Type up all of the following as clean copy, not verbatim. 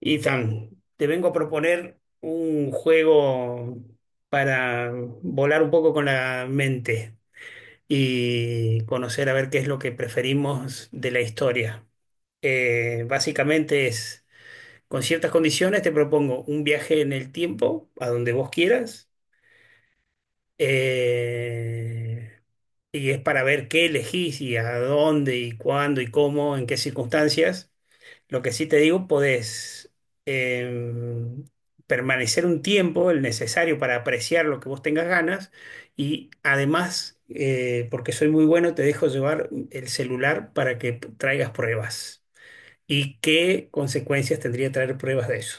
Ethan, te vengo a proponer un juego para volar un poco con la mente y conocer a ver qué es lo que preferimos de la historia. Básicamente es, con ciertas condiciones, te propongo un viaje en el tiempo, a donde vos quieras, eh, y es para ver qué elegís y a dónde y cuándo y cómo, en qué circunstancias. Lo que sí te digo, podés em, permanecer un tiempo, el necesario para apreciar lo que vos tengas ganas y además, porque soy muy bueno, te dejo llevar el celular para que traigas pruebas. ¿Y qué consecuencias tendría traer pruebas de eso?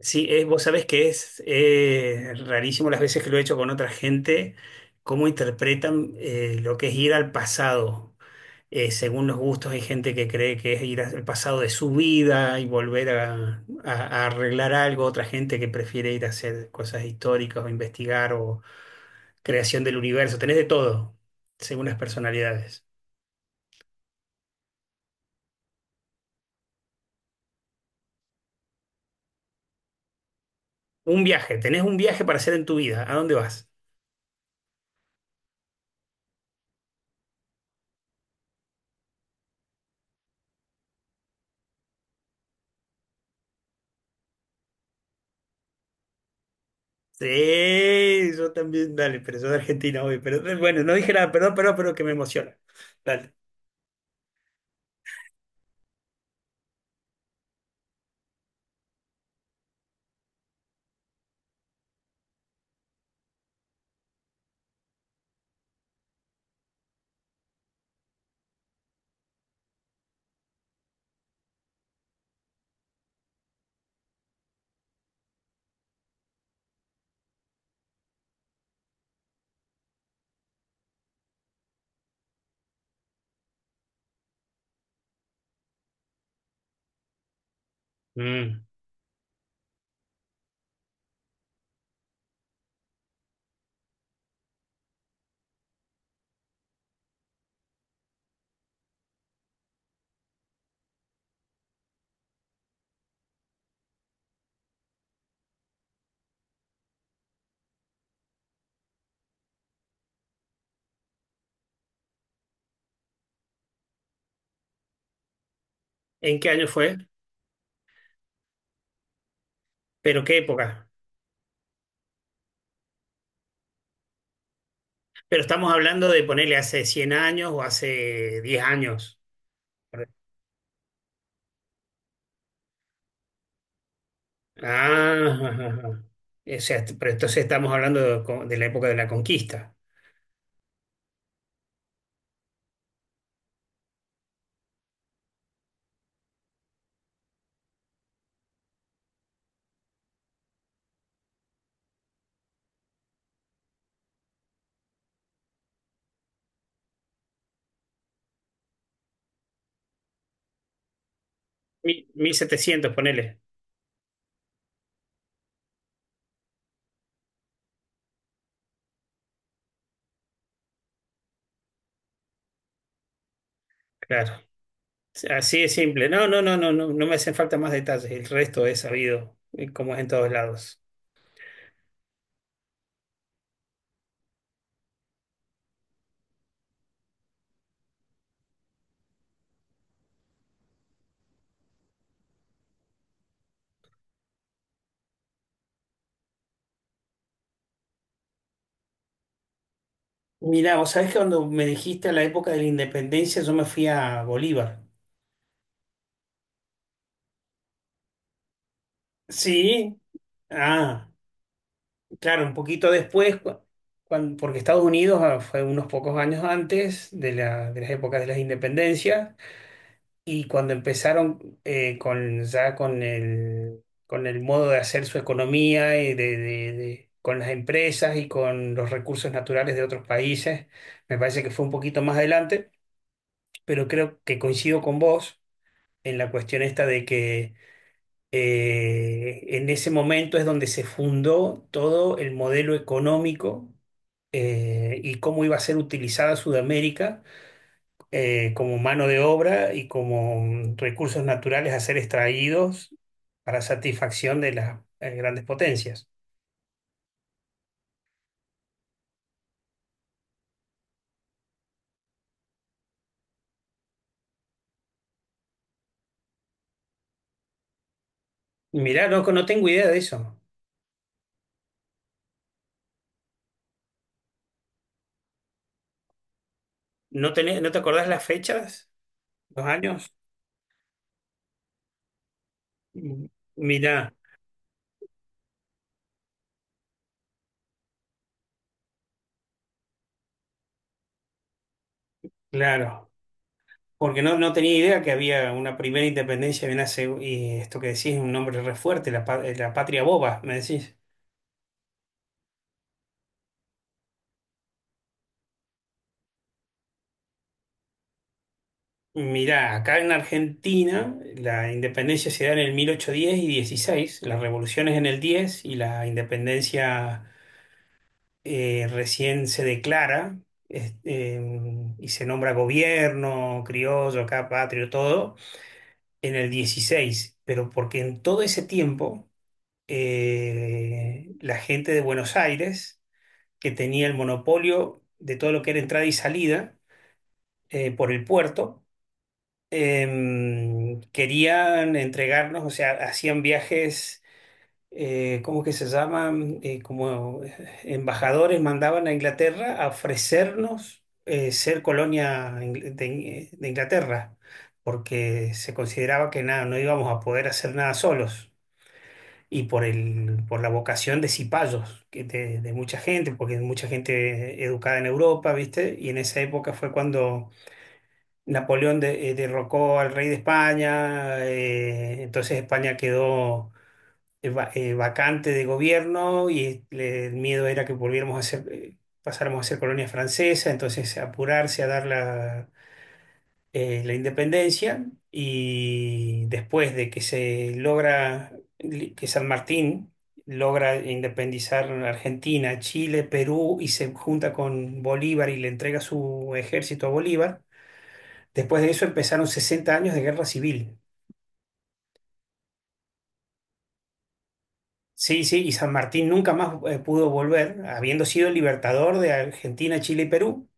Sí, vos sabés que es rarísimo las veces que lo he hecho con otra gente, cómo interpretan lo que es ir al pasado. Según los gustos, hay gente que cree que es ir al pasado de su vida y volver a arreglar algo, otra gente que prefiere ir a hacer cosas históricas o investigar o creación del universo. Tenés de todo, según las personalidades. Un viaje, tenés un viaje para hacer en tu vida. ¿A dónde vas? Sí, yo también, dale, pero soy de Argentina hoy. Pero bueno, no dije nada, perdón, perdón, pero que me emociona. Dale. Mm. ¿En qué año fue? ¿Pero qué época? Pero estamos hablando de ponerle hace 100 años o hace 10 años. Ah, ajá, ajá. O sea, pero entonces estamos hablando de, de la época de la conquista. Mil setecientos, ponele. Claro. Así es simple. No, no, no, no, no, no me hacen falta más detalles. El resto es sabido, como es en todos lados. Mirá, vos sabés que cuando me dijiste la época de la independencia, yo me fui a Bolívar. Sí. Ah, claro, un poquito después, porque Estados Unidos ah, fue unos pocos años antes de la, de las épocas de las independencias. Y cuando empezaron con, ya con el modo de hacer su economía y de, con las empresas y con los recursos naturales de otros países, me parece que fue un poquito más adelante, pero creo que coincido con vos en la cuestión esta de que en ese momento es donde se fundó todo el modelo económico y cómo iba a ser utilizada Sudamérica como mano de obra y como recursos naturales a ser extraídos para satisfacción de las grandes potencias. Mirá, loco, no tengo idea de eso. No te acordás las fechas? ¿Los años? Mm, mirá, claro. Porque no, no tenía idea que había una primera independencia y, y esto que decís, un nombre re fuerte, la patria boba, me decís. Mirá, acá en Argentina la independencia se da en el 1810 y 16, las revoluciones en el 10 y la independencia recién se declara y se nombra gobierno, criollo, acá patrio, todo, en el 16, pero porque en todo ese tiempo la gente de Buenos Aires, que tenía el monopolio de todo lo que era entrada y salida por el puerto, querían entregarnos, o sea, hacían viajes, ¿cómo que se llaman? Como embajadores mandaban a Inglaterra a ofrecernos ser colonia de Inglaterra, porque se consideraba que nada, no íbamos a poder hacer nada solos. Y por el, por la vocación de cipayos, de mucha gente, porque mucha gente educada en Europa, ¿viste? Y en esa época fue cuando Napoleón derrocó al rey de España, entonces España quedó vacante de gobierno y el miedo era que volviéramos a ser, pasáramos a ser colonia francesa, entonces apurarse a dar la, la independencia y después de que se logra, que San Martín logra independizar Argentina, Chile, Perú y se junta con Bolívar y le entrega su ejército a Bolívar. Después de eso empezaron 60 años de guerra civil. Sí, sí, y San Martín nunca más pudo volver, habiendo sido el libertador de Argentina, Chile y Perú,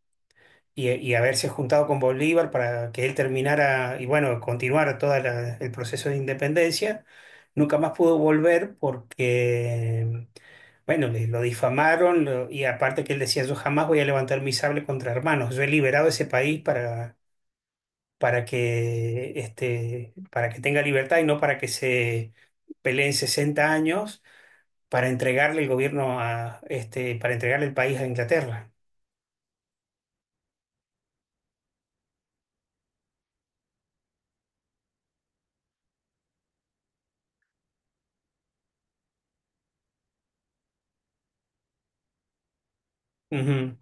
y haberse juntado con Bolívar para que él terminara y bueno, continuara todo el proceso de independencia. Nunca más pudo volver porque, bueno, lo difamaron y aparte que él decía, yo jamás voy a levantar mi sable contra hermanos, yo he liberado ese país para que, este, para que tenga libertad y no para que se peleen sesenta años para entregarle el gobierno a, este, para entregarle el país a Inglaterra. Ujú,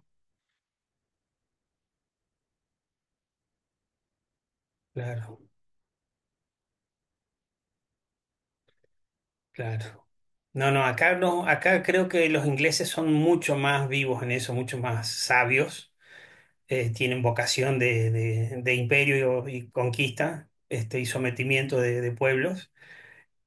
claro, claro. No, no, acá no, acá creo que los ingleses son mucho más vivos en eso, mucho más sabios, tienen vocación de, de imperio y conquista, este, y sometimiento de pueblos.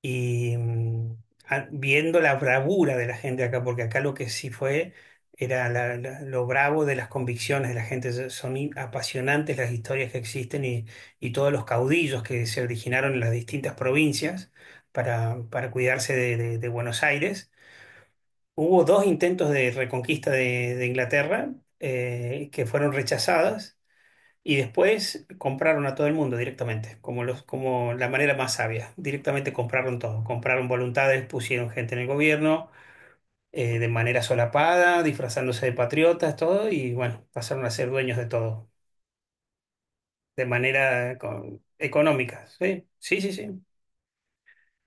Y viendo la bravura de la gente acá, porque acá lo que sí fue era lo bravo de las convicciones de la gente. Son apasionantes las historias que existen y todos los caudillos que se originaron en las distintas provincias para cuidarse de, de Buenos Aires. Hubo dos intentos de reconquista de Inglaterra que fueron rechazadas y después compraron a todo el mundo directamente, como, los, como la manera más sabia. Directamente compraron todo. Compraron voluntades, pusieron gente en el gobierno, de manera solapada, disfrazándose de patriotas, todo, y bueno, pasaron a ser dueños de todo, de manera económica. Sí, sí, sí, sí.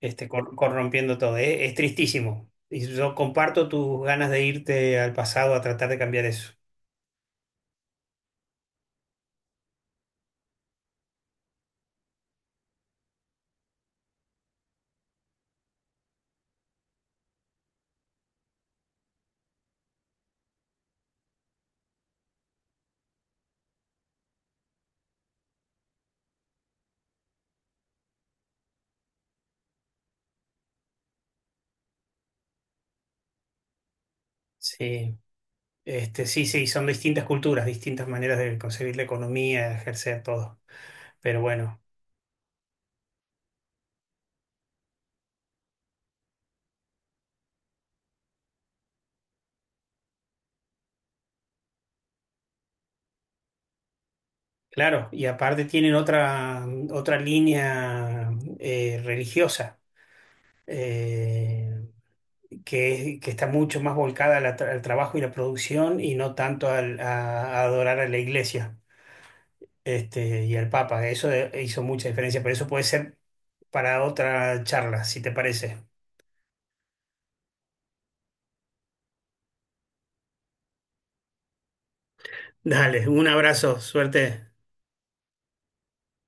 Este, corrompiendo todo. Es tristísimo. Y yo comparto tus ganas de irte al pasado a tratar de cambiar eso. Sí, este, sí, sí, son distintas culturas, distintas maneras de concebir la economía, ejercer todo. Pero bueno, claro, y aparte tienen otra, otra línea religiosa eh, que está mucho más volcada a trabajo y la producción y no tanto a adorar a la iglesia este, y al Papa. Eso hizo mucha diferencia, pero eso puede ser para otra charla, si te parece. Dale, un abrazo, suerte.